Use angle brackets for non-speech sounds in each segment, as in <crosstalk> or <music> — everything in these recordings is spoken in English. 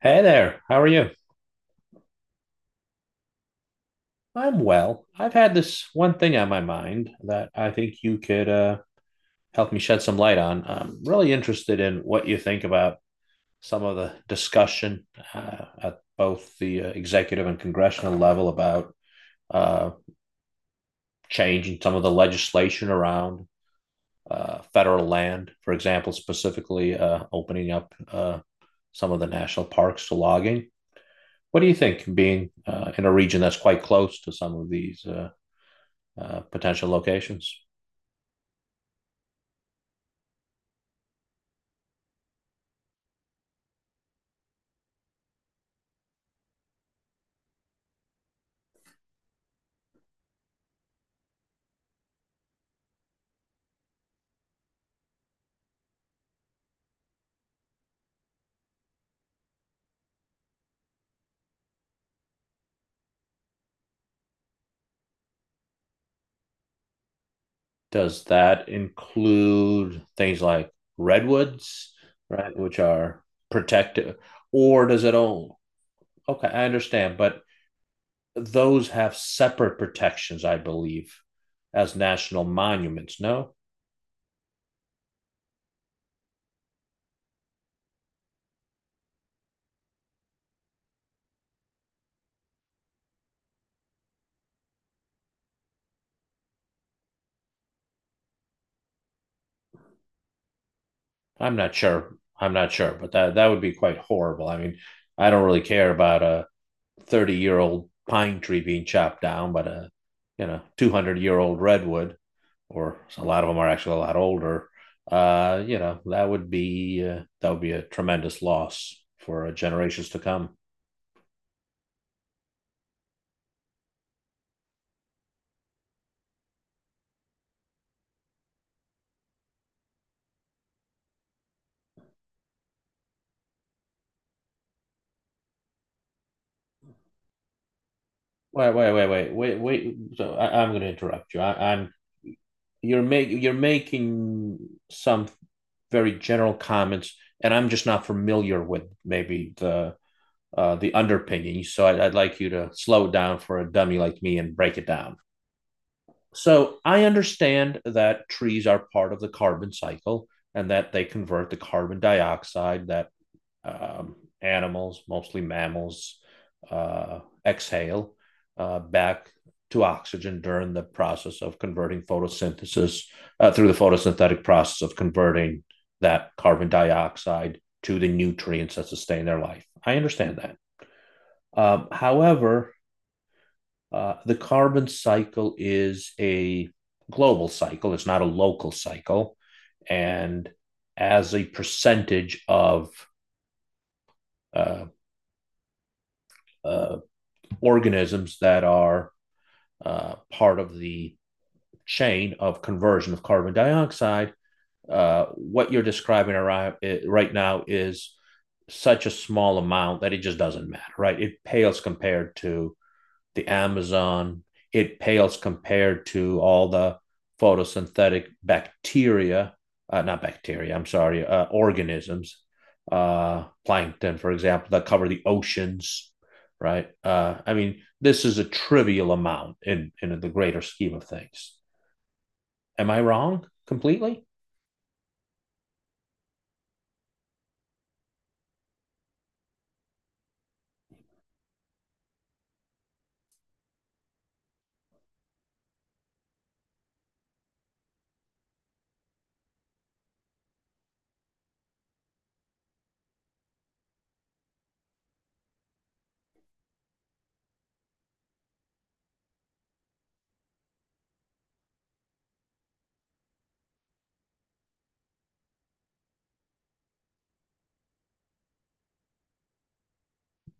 Hey there, how are you? I'm well. I've had this one thing on my mind that I think you could help me shed some light on. I'm really interested in what you think about some of the discussion at both the executive and congressional level about uh, changing some of the legislation around federal land, for example, specifically opening up some of the national parks to logging. What do you think, being in a region that's quite close to some of these potential locations? Does that include things like redwoods, right, which are protected, or does it all? Okay, I understand, but those have separate protections, I believe, as national monuments. No, I'm not sure. I'm not sure, but that would be quite horrible. I mean, I don't really care about a 30-year-old pine tree being chopped down, but a 200-year-old redwood, or a lot of them are actually a lot older. That would be a tremendous loss for generations to come. Wait, wait, wait, wait, wait, wait. So I'm going to interrupt you. I, I'm You're making some very general comments, and I'm just not familiar with maybe the the underpinning. So I'd like you to slow it down for a dummy like me and break it down. So I understand that trees are part of the carbon cycle, and that they convert the carbon dioxide that animals, mostly mammals, uh, exhale back to oxygen during the process of converting photosynthesis, through the photosynthetic process of converting that carbon dioxide to the nutrients that sustain their life. I understand that. However, the carbon cycle is a global cycle, it's not a local cycle. And as a percentage of uh, uh, organisms that are part of the chain of conversion of carbon dioxide, what you're describing around, right now, is such a small amount that it just doesn't matter, right? It pales compared to the Amazon, it pales compared to all the photosynthetic bacteria, not bacteria, I'm sorry, organisms, plankton, for example, that cover the oceans, right? I mean, this is a trivial amount in the greater scheme of things. Am I wrong completely?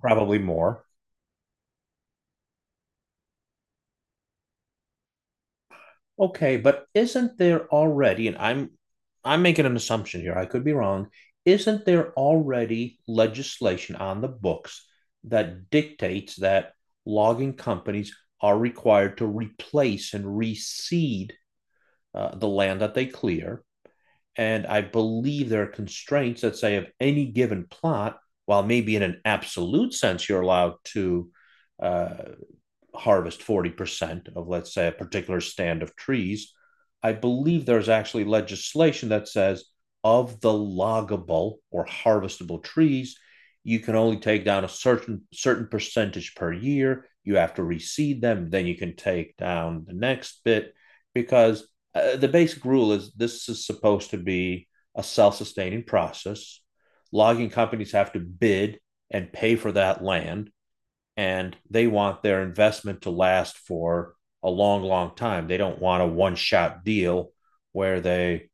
Probably more. Okay, but isn't there already, and I'm making an assumption here, I could be wrong, isn't there already legislation on the books that dictates that logging companies are required to replace and reseed the land that they clear? And I believe there are constraints that say of any given plot, while maybe in an absolute sense you're allowed to uh, harvest 40% of, let's say, a particular stand of trees. I believe there's actually legislation that says of the loggable or harvestable trees, you can only take down a certain percentage per year. You have to reseed them, then you can take down the next bit, because the basic rule is this is supposed to be a self-sustaining process. Logging companies have to bid and pay for that land, and they want their investment to last for a long, long time. They don't want a one shot deal where they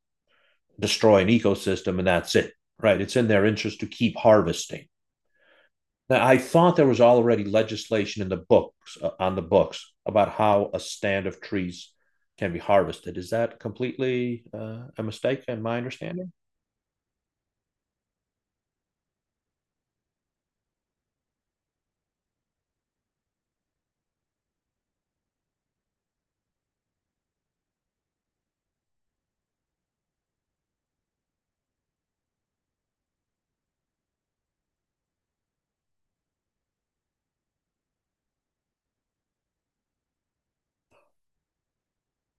destroy an ecosystem, and that's it, right? It's in their interest to keep harvesting. Now, I thought there was already legislation in the books on the books about how a stand of trees can be harvested. Is that completely a mistake in my understanding?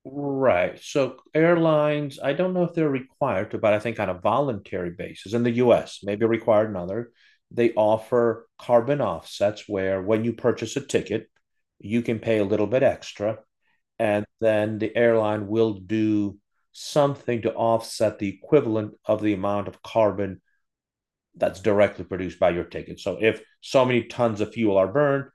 Right. So airlines, I don't know if they're required to, but I think on a voluntary basis in the US, maybe required in other, they offer carbon offsets where, when you purchase a ticket, you can pay a little bit extra, and then the airline will do something to offset the equivalent of the amount of carbon that's directly produced by your ticket. So if so many tons of fuel are burned,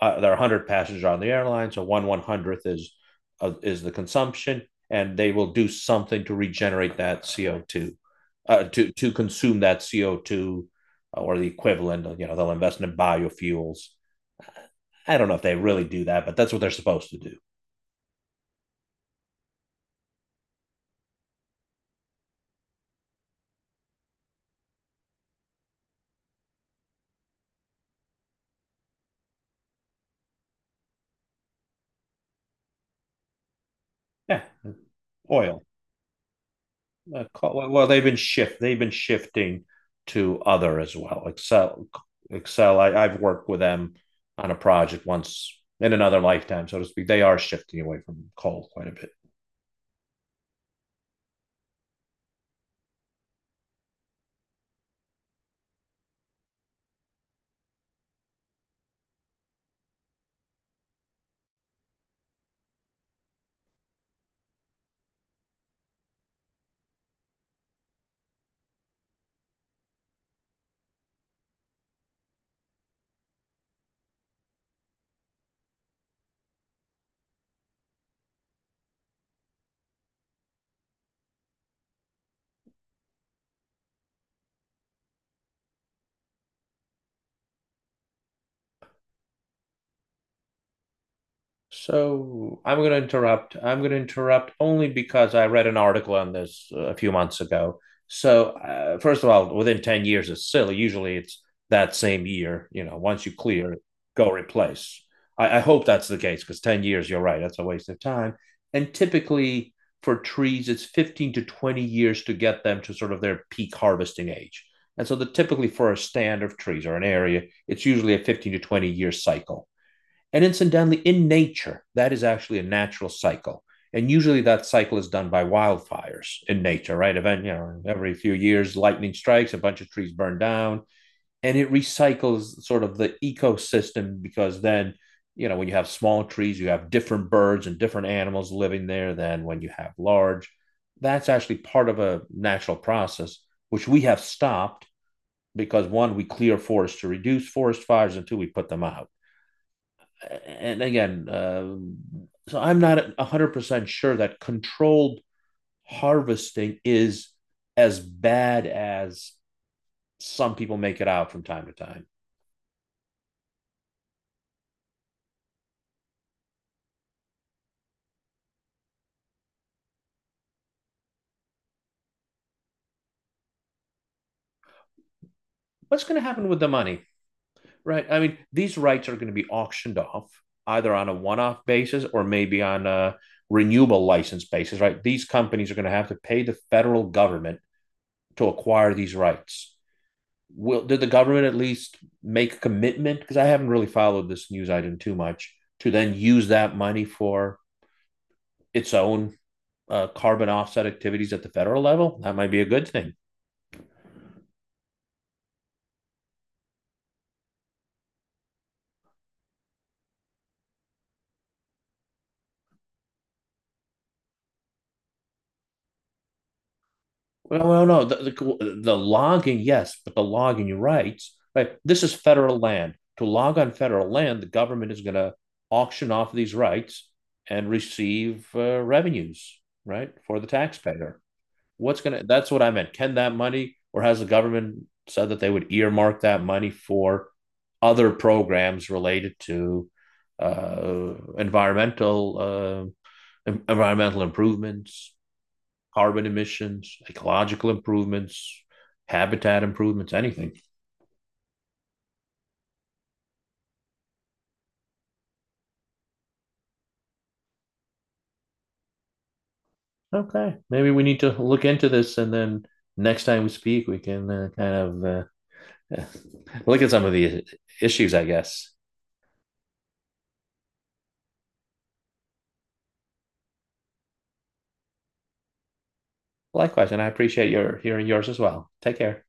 there are 100 passengers on the airline, so one one hundredth is the consumption, and they will do something to regenerate that CO2, to consume that CO2, or the equivalent. You know, they'll invest in biofuels. I don't know if they really do that, but that's what they're supposed to do. Yeah, oil. uh, well, they've been shifting to other as well. Excel, Excel. I've worked with them on a project once, in another lifetime, so to speak. They are shifting away from coal quite a bit. So I'm going to interrupt. I'm going to interrupt only because I read an article on this a few months ago. So first of all, within 10 years is silly. Usually it's that same year. You know, once you clear, go replace. I hope that's the case, because 10 years, you're right, that's a waste of time. And typically for trees, it's 15 to 20 years to get them to sort of their peak harvesting age. And so the typically for a stand of trees or an area, it's usually a 15 to 20 year cycle. And incidentally, in nature, that is actually a natural cycle. And usually that cycle is done by wildfires in nature, right? Every few years, lightning strikes, a bunch of trees burn down, and it recycles sort of the ecosystem, because then, when you have small trees, you have different birds and different animals living there than when you have large. That's actually part of a natural process, which we have stopped because one, we clear forests to reduce forest fires, and two, we put them out, and again, so I'm not 100% sure that controlled harvesting is as bad as some people make it out from time to time. What's going to happen with the money, right? I mean, these rights are going to be auctioned off either on a one off basis, or maybe on a renewable license basis, right? These companies are going to have to pay the federal government to acquire these rights. Will did the government at least make a commitment? Because I haven't really followed this news item too much, to then use that money for its own carbon offset activities at the federal level. That might be a good thing. Well, no, no, the logging, yes, but the logging, you're right, right. This is federal land. To log on federal land, the government is going to auction off these rights and receive revenues, right, for the taxpayer. What's gonna? That's what I meant. Can that money, or has the government said that they would earmark that money for other programs related to uh, environmental uh, environmental improvements, carbon emissions, ecological improvements, habitat improvements, anything? Okay, maybe we need to look into this, and then next time we speak, we can kind of. <laughs> Look at some of the issues, I guess. Likewise, and I appreciate your hearing yours as well. Take care.